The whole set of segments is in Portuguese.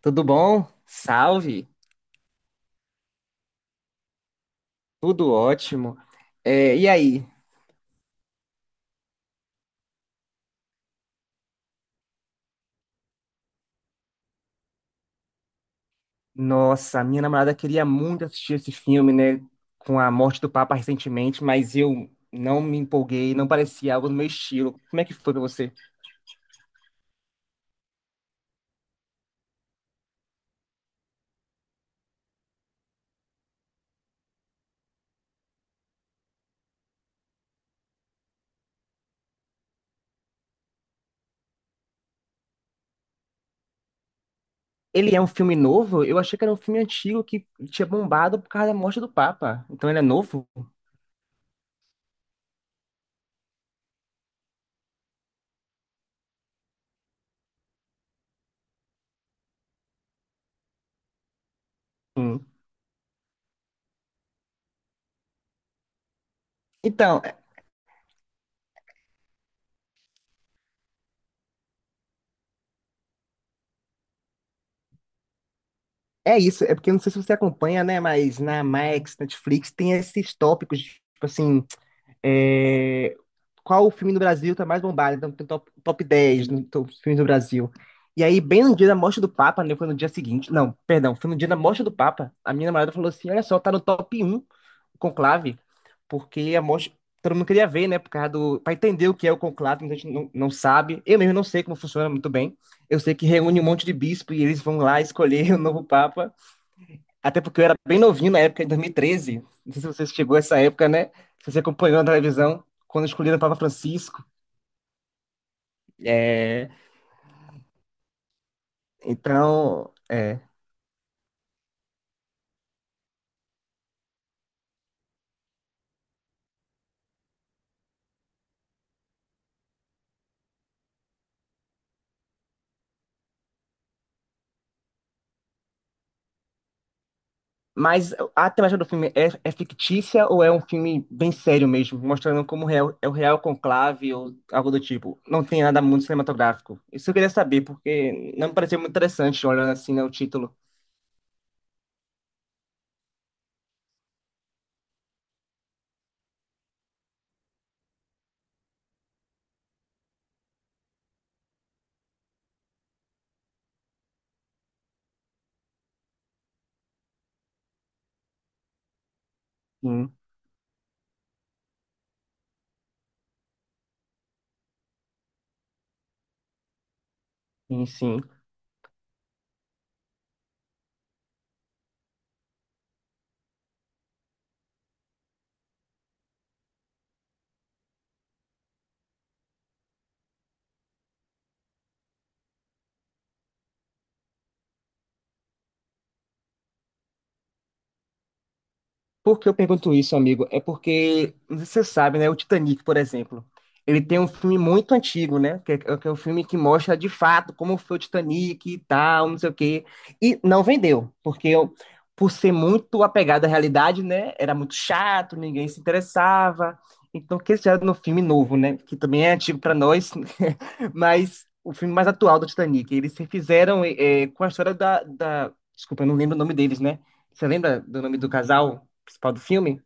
Tudo bom? Salve! Tudo ótimo. E aí? Nossa, minha namorada queria muito assistir esse filme, né? Com a morte do Papa recentemente, mas eu não me empolguei, não parecia algo do meu estilo. Como é que foi pra você? Ele é um filme novo? Eu achei que era um filme antigo que tinha bombado por causa da morte do Papa. Então ele é novo? Hum. Então, é isso. É porque eu não sei se você acompanha, né? Mas na Max, Netflix, tem esses tópicos, de, tipo assim. É, qual o filme no Brasil está mais bombado? Então tem top, 10 no top filmes do Brasil. E aí, bem no dia da morte do Papa, né? Foi no dia seguinte. Não, perdão, foi no dia da morte do Papa. A minha namorada falou assim: olha só, tá no top um o conclave, porque a morte. Todo mundo queria ver, né? Por causa do. Pra entender o que é o conclave, muita gente não sabe. Eu mesmo não sei como funciona muito bem. Eu sei que reúne um monte de bispo e eles vão lá escolher o novo Papa. Até porque eu era bem novinho na época, em 2013. Não sei se você chegou a essa época, né? Se você acompanhou na televisão, quando escolheram o Papa Francisco. É, então, é. Mas a temática do filme é fictícia ou é um filme bem sério mesmo, mostrando como real, é o real conclave ou algo do tipo? Não tem nada muito cinematográfico. Isso eu queria saber, porque não me pareceu muito interessante, olhando assim, né, o título. Sim, sim, sim. Por que eu pergunto isso, amigo? É porque, você sabe, né? O Titanic, por exemplo, ele tem um filme muito antigo, né? Que é um filme que mostra de fato como foi o Titanic e tal, não sei o quê. E não vendeu, porque eu, por ser muito apegado à realidade, né? Era muito chato, ninguém se interessava. Então, que eles fizeram no filme novo, né? Que também é antigo para nós, mas o filme mais atual do Titanic. Eles refizeram com a história da. Desculpa, eu não lembro o nome deles, né? Você lembra do nome do casal principal do filme,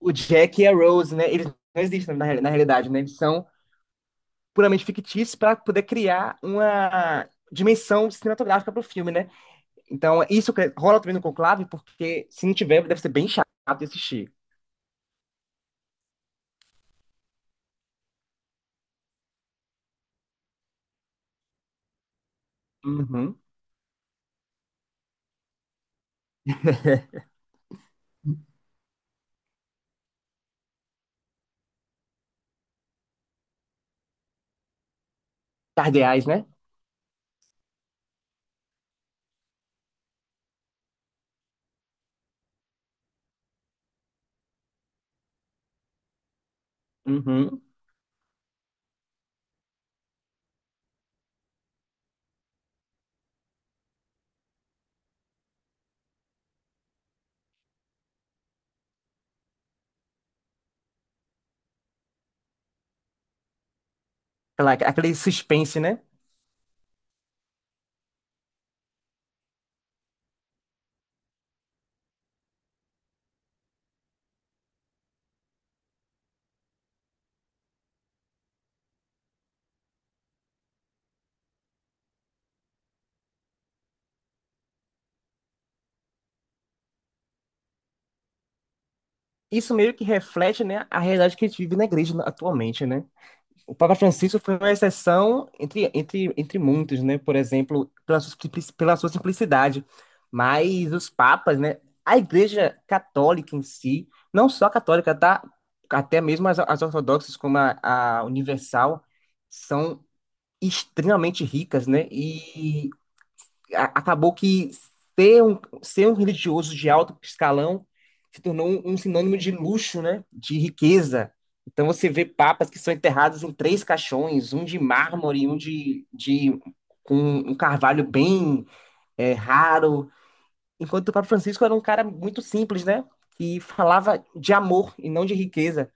o Jack e a Rose, né? Eles não existem na, na realidade, né? Eles são puramente fictícios para poder criar uma dimensão cinematográfica para o filme, né? Então, isso que rola também no Conclave, porque se não tiver, deve ser bem chato de assistir. Uhum. Cardeais, né? Uhum. Aquele suspense, né? Isso meio que reflete, né, a realidade que a gente vive na igreja atualmente, né? O Papa Francisco foi uma exceção entre muitos, né? Por exemplo, pela sua, pela sua simplicidade. Mas os papas, né? A Igreja Católica em si, não só a católica, tá? Até mesmo as, as ortodoxas, como a Universal, são extremamente ricas, né? Acabou que ser um religioso de alto escalão se tornou um sinônimo de luxo, né? De riqueza. Então você vê papas que são enterrados em três caixões, um de mármore, um de com um carvalho bem raro, enquanto o Papa Francisco era um cara muito simples, né? Que falava de amor e não de riqueza.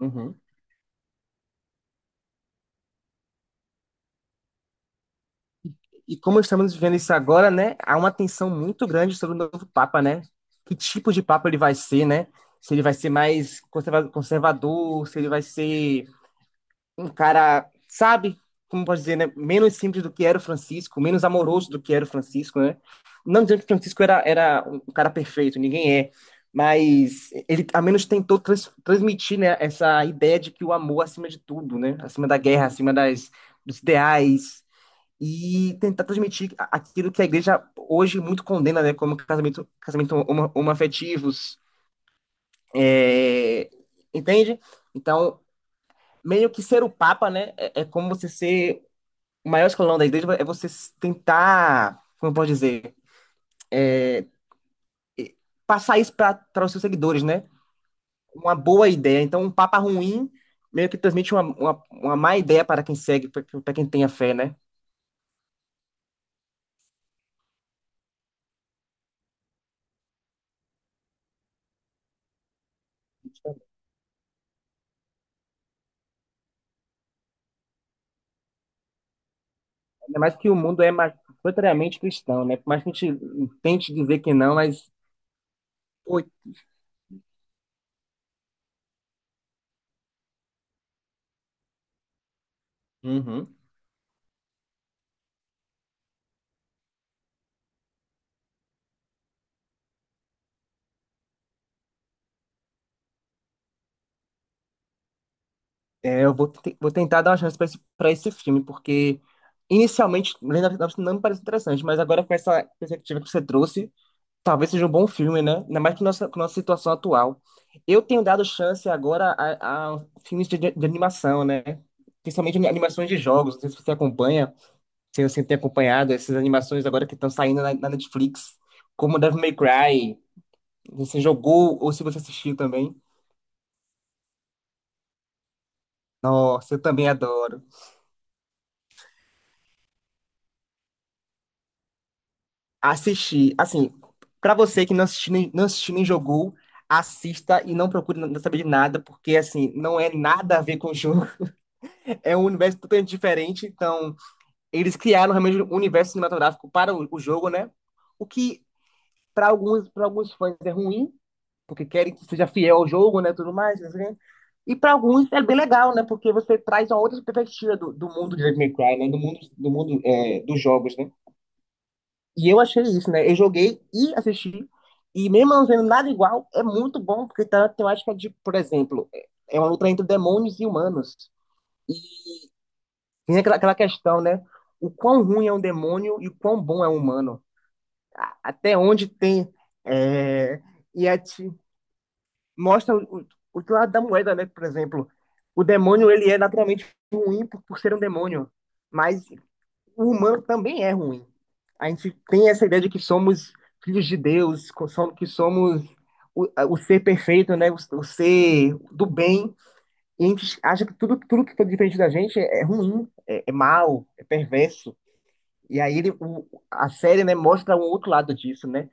Uhum. E como estamos vivendo isso agora, né, há uma tensão muito grande sobre o novo Papa, né? Que tipo de Papa ele vai ser, né? Se ele vai ser mais conservador, se ele vai ser um cara, sabe? Como pode dizer, né? Menos simples do que era o Francisco, menos amoroso do que era o Francisco, né? Não dizendo que o Francisco era um cara perfeito, ninguém é. Mas ele, ao menos, tentou transmitir, né, essa ideia de que o amor é acima de tudo, né? Acima da guerra, acima das, dos ideais, e tentar transmitir aquilo que a igreja hoje muito condena, né, como casamento, casamento homoafetivos, é, entende? Então, meio que ser o papa, né, é como você ser o maior escolão da igreja, é você tentar, como eu posso dizer, passar isso para os seus seguidores, né? Uma boa ideia. Então, um papa ruim meio que transmite uma má ideia para quem segue, para quem tem a fé, né? Ainda mais que o mundo é majoritariamente cristão, né? Por mais que a gente tente dizer que não, mas pô, Uhum. É, vou tentar dar uma chance para esse, pra esse filme, porque inicialmente Lenda das Anápolis não me parece interessante, mas agora com essa perspectiva que você trouxe, talvez seja um bom filme, né? Ainda mais com nossa situação atual. Eu tenho dado chance agora a filmes de animação, né? Principalmente animações de jogos. Não sei se você acompanha, se você tem acompanhado essas animações agora que estão saindo na, na Netflix, como Devil May Cry. Você jogou ou se você assistiu também? Nossa, eu também adoro. Assistir. Assim, pra você que não assistiu nem jogou, assista e não procure não saber de nada, porque, assim, não é nada a ver com o jogo. É um universo totalmente diferente. Então, eles criaram realmente um universo cinematográfico para o jogo, né? O que, para alguns fãs, é ruim, porque querem que seja fiel ao jogo, né? Tudo mais. Assim. E para alguns é bem legal, né? Porque você traz uma outra perspectiva do, do mundo de Devil May Cry, né? Do mundo, dos jogos, né? E eu achei isso, né? Eu joguei e assisti, e mesmo não vendo nada igual, é muito bom, porque tá a temática de, por exemplo, é uma luta entre demônios e humanos. E tem aquela questão, né? O quão ruim é um demônio e o quão bom é um humano. Até onde tem. É... E é, te- mostra o outro lado da moeda, né? Por exemplo, o demônio ele é naturalmente ruim por ser um demônio. Mas o humano também é ruim. A gente tem essa ideia de que somos filhos de Deus, que somos o ser perfeito, né? O ser do bem. E a gente acha que tudo que está diferente da gente é ruim, é mau, é perverso. E aí ele, a série, né, mostra um outro lado disso, né?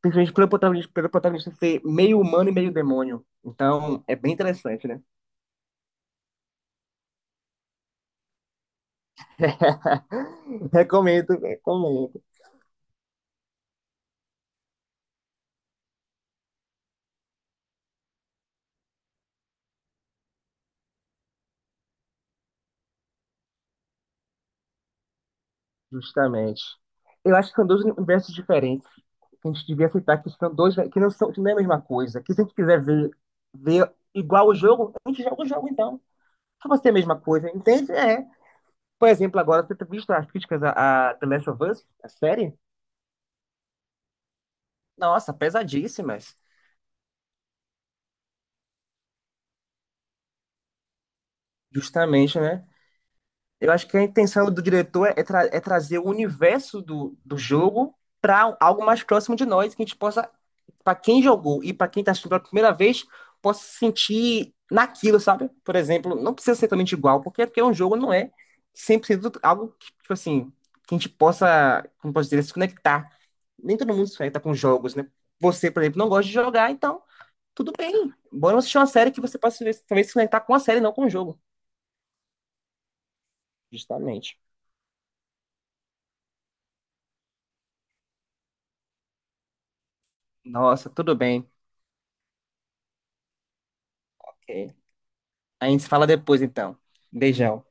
Principalmente pelo protagonista ser meio humano e meio demônio. Então, é bem interessante, né? Recomendo, recomendo, justamente. Eu acho que são dois universos diferentes, que a gente devia aceitar que são dois, que não é a mesma coisa. Que se a gente quiser ver, ver igual o jogo, a gente joga o jogo então. Só vai ser a mesma coisa, entende? É. Por exemplo, agora você tem visto as críticas a The Last of Us, a série? Nossa, pesadíssimas. Justamente, né? Eu acho que a intenção do diretor é, é trazer o universo do, do jogo para algo mais próximo de nós, que a gente possa, para quem jogou e para quem está assistindo pela primeira vez, possa se sentir naquilo, sabe? Por exemplo, não precisa ser totalmente igual, porque um jogo não é 100% algo que, tipo assim, que a gente possa, como posso dizer, se conectar. Nem todo mundo se conecta com jogos, né? Você, por exemplo, não gosta de jogar, então tudo bem. Bora assistir uma série que você possa talvez se conectar com a série, não com o jogo. Justamente. Nossa, tudo bem. Ok. A gente se fala depois, então. Beijão.